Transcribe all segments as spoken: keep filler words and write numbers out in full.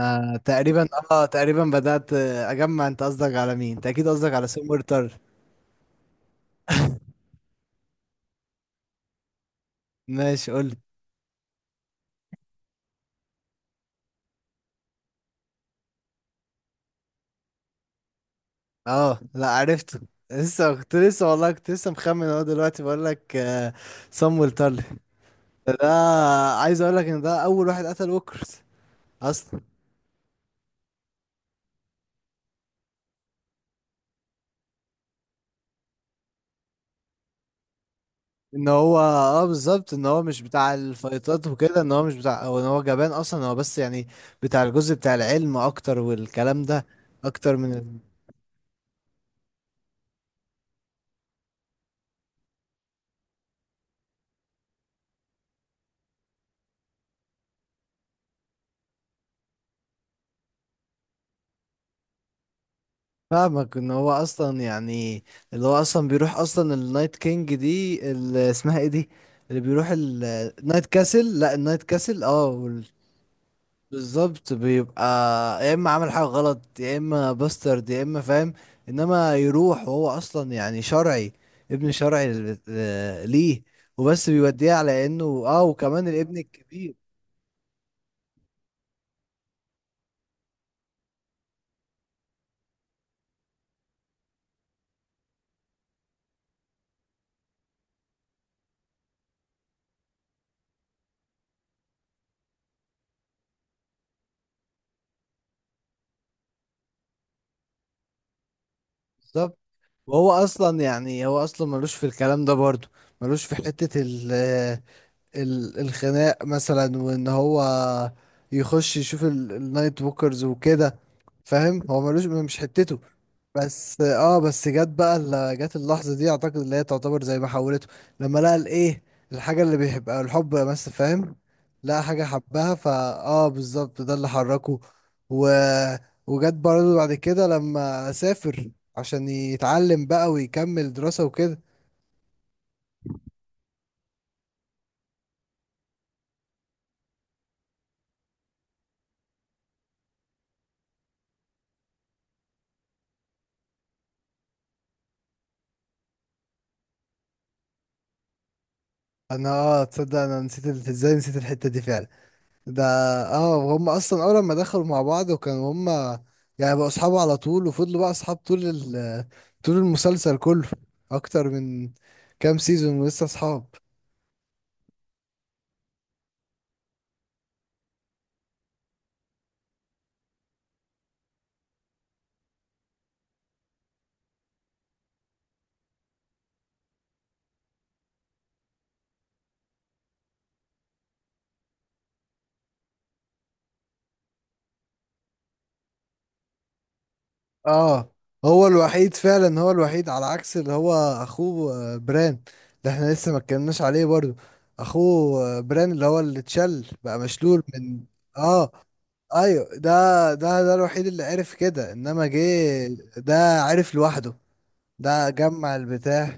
آه تقريبا اه تقريبا بدأت آه، اجمع، انت قصدك على مين؟ انت اكيد قصدك على سيم وورتر. ماشي، قول لي. اه لا، عرفته. لسه كنت، لسه والله كنت لسه مخمن اهو، دلوقتي بقول لك آه سام تارلي. ده عايز اقول لك ان ده اول واحد قتل ووكرز اصلا. ان هو اه بالظبط ان هو مش بتاع الفايتات وكده، ان هو مش بتاع، او ان هو جبان اصلا، هو بس يعني بتاع الجزء بتاع العلم اكتر والكلام ده، اكتر من. فاهمك، ان هو اصلا يعني اللي هو اصلا بيروح اصلا النايت كينج دي، اللي اسمها ايه دي، اللي بيروح ال- النايت كاسل، لا النايت كاسل اه، وال- بالظبط. بيبقى يا اما عمل حاجه غلط، يا اما باسترد، يا اما فاهم. انما يروح وهو اصلا يعني شرعي، ابن شرعي ل- ل- ليه، وبس بيوديه على انه اه، وكمان الابن الكبير. بالظبط. وهو اصلا يعني هو اصلا ملوش في الكلام ده برضه، ملوش في حته ال- الخناق مثلا، وان هو يخش يشوف ال- النايت ووكرز وكده. فاهم، هو ملوش، مش حتته. بس اه، بس جت بقى ال- جت اللحظة دي، اعتقد اللي هي تعتبر زي ما حولته، لما لقى الايه، الحاجة اللي بيحبها، الحب بس فاهم، لقى حاجة حبها فا اه بالظبط، ده اللي حركه. و... وجت برضه بعد كده لما سافر عشان يتعلم بقى ويكمل دراسة وكده. انا اه، تصدق انا نسيت ال- ازاي نسيت الحتة دي فعلا. ده اه، هم اصلا اول ما دخلوا مع بعض وكانوا هم يعني بقوا اصحاب على طول، وفضلوا بقى اصحاب طول ال طول المسلسل كله، اكتر من كام سيزون ولسه اصحاب. اه هو الوحيد فعلا، هو الوحيد على عكس اللي هو اخوه آه، بران. ده احنا لسه ما اتكلمناش عليه برضو. اخوه آه، بران، اللي هو اللي اتشل بقى، مشلول من. اه ايوه، ده ده ده الوحيد اللي عرف كده انما جه. ده عرف لوحده، ده جمع البتاع.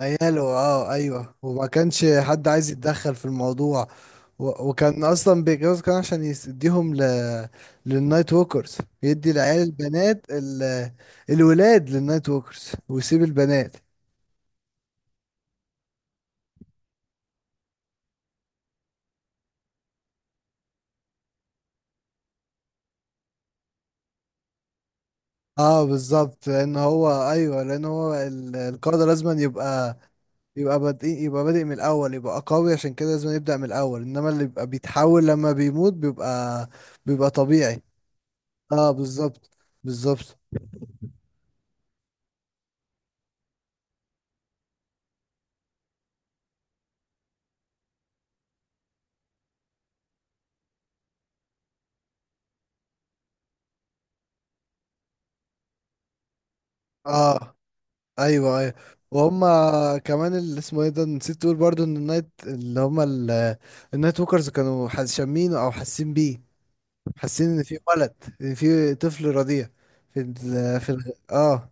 عياله اه ايوه، وما كانش حد عايز يتدخل في الموضوع. و... وكان اصلا بيتجوز، كان عشان يديهم ل... للنايت ووكرز. يدي العيال البنات ال... الولاد للنايت ووكرز، ويسيب البنات. اه بالظبط، لان هو ايوه، لان هو ال... القاده لازم يبقى، يبقى بادئ، يبقى بادئ من الاول، يبقى قوي، عشان كده لازم يبدأ من الاول. انما اللي بيبقى بيتحول لما بيموت بيبقى، بيبقى طبيعي. اه بالظبط، بالظبط. اه ايوه ايوه. وهم كمان، اللي اسمه ايه ده نسيت تقول برضو، ان النايت اللي هم ال- النايت ووكرز كانوا حاس-، شامينه او حاسين بيه، حاسين ان في ولد، ان في طفل رضيع في ال، في ال اه.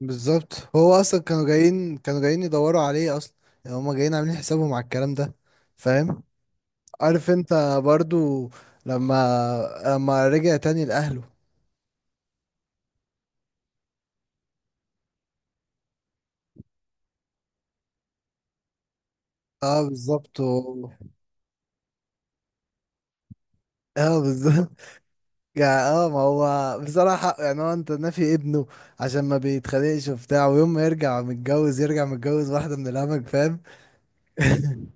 بالظبط، هو اصلا كانوا جايين، كانوا جايين يدوروا عليه اصلا. يعني هم جايين عاملين حسابهم على الكلام ده، فاهم. عارف انت، برضو لما، لما رجع تاني لاهله. اه بالظبط و-. اه بالظبط. يعني اه، ما هو بصراحة يعني هو، انت نافي ابنه عشان ما بيتخانقش وبتاع، ويوم ما يرجع متجوز، يرجع متجوز واحدة من الهمج، فاهم.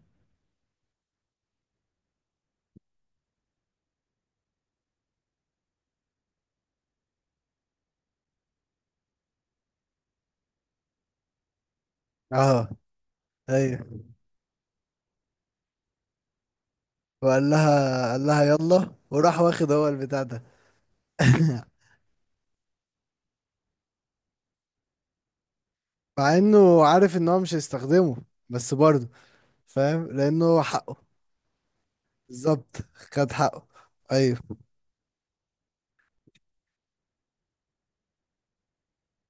اه ايوه. وقال لها، قال لها يلا، وراح واخد هو البتاع ده. مع انه عارف ان هو مش هيستخدمه، بس برضه فاهم، لانه هو حقه. بالظبط، خد حقه. ايوه.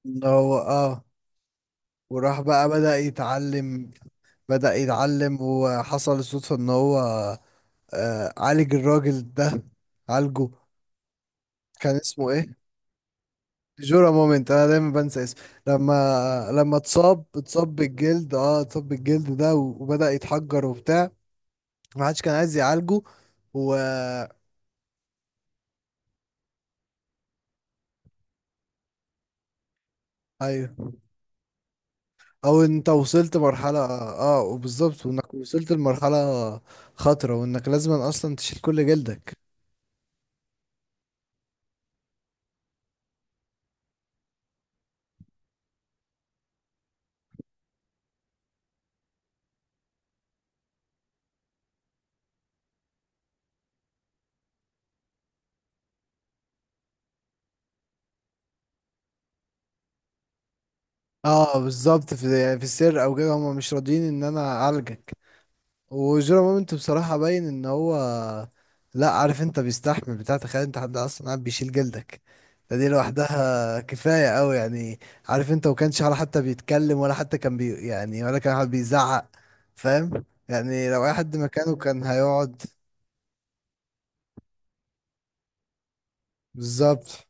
ان هو اه. وراح بقى بدأ يتعلم، بدأ يتعلم، وحصل الصدفة ان هو آه عالج الراجل ده، عالجه. كان اسمه ايه؟ جورا مومنت، انا دايما بنسى اسمه لما، لما اتصاب، اتصاب بالجلد اه، اتصاب بالجلد ده و-، وبدأ يتحجر وبتاع، ما حدش كان عايز يعالجه و. ايوه او انت وصلت مرحلة، اه وبالظبط، وانك وصلت لمرحلة خطرة، وانك لازم اصلا تشيل كل جلدك. اه بالظبط، في يعني في السر او كده هم مش راضيين ان انا اعالجك. وجيرو مومنت بصراحة باين ان هو، لا عارف انت بيستحمل بتاع، تخيل انت حد اصلا قاعد بيشيل جلدك، ده دي لوحدها كفاية قوي يعني. عارف انت، وكانش ولا حتى بيتكلم، ولا حتى كان بي يعني، ولا كان حد بيزعق، فاهم يعني لو اي حد مكانه كان هيقعد. بالظبط،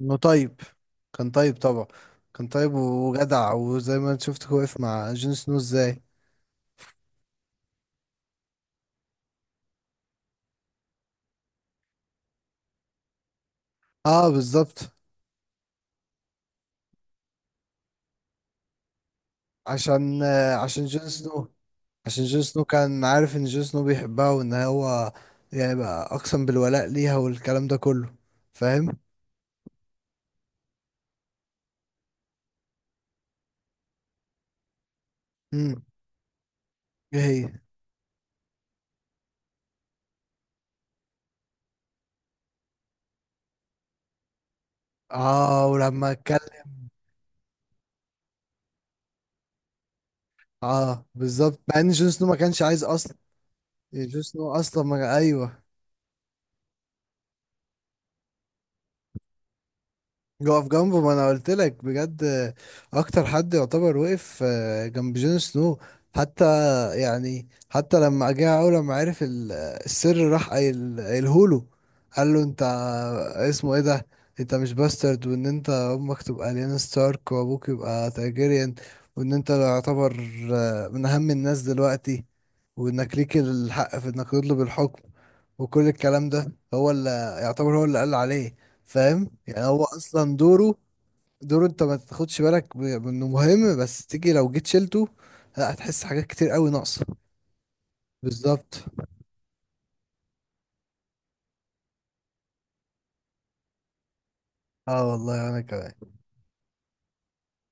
انه طيب، كان طيب طبعا، كان طيب وجدع، وزي ما انت شفت هو واقف مع جون سنو ازاي. اه بالظبط، عشان آه، عشان جون سنو، عشان جون سنو كان عارف ان جون سنو بيحبها، وان هو يعني بقى اقسم بالولاء ليها والكلام ده كله، فاهم. امم، ايه هي؟ اه ولما اتكلم. اه بالظبط، مع ان جون سنو ما كانش عايز اصلا، يعني جون سنو اصلا ما ايوه، يقف جنبه، ما انا قلت لك بجد اكتر حد يعتبر وقف آه، جنب جون سنو. حتى يعني حتى لما جه اول، لما عرف ال- السر، راح قايل- قايلهوله، قال له انت، اسمه ايه ده، انت مش باسترد، وان انت امك تبقى ليانا ستارك، وابوك يبقى تاجيريان، وان انت يعتبر آه، من اهم الناس دلوقتي، وانك ليك الحق في انك تطلب الحكم، وكل الكلام ده هو اللي يعتبر هو اللي قال عليه، فاهم يعني هو اصلا دوره، دوره انت ما تاخدش بالك ب- انه مهم، بس تيجي لو جيت شلته لا، هتحس حاجات كتير قوي ناقصه. بالظبط. اه والله انا كمان.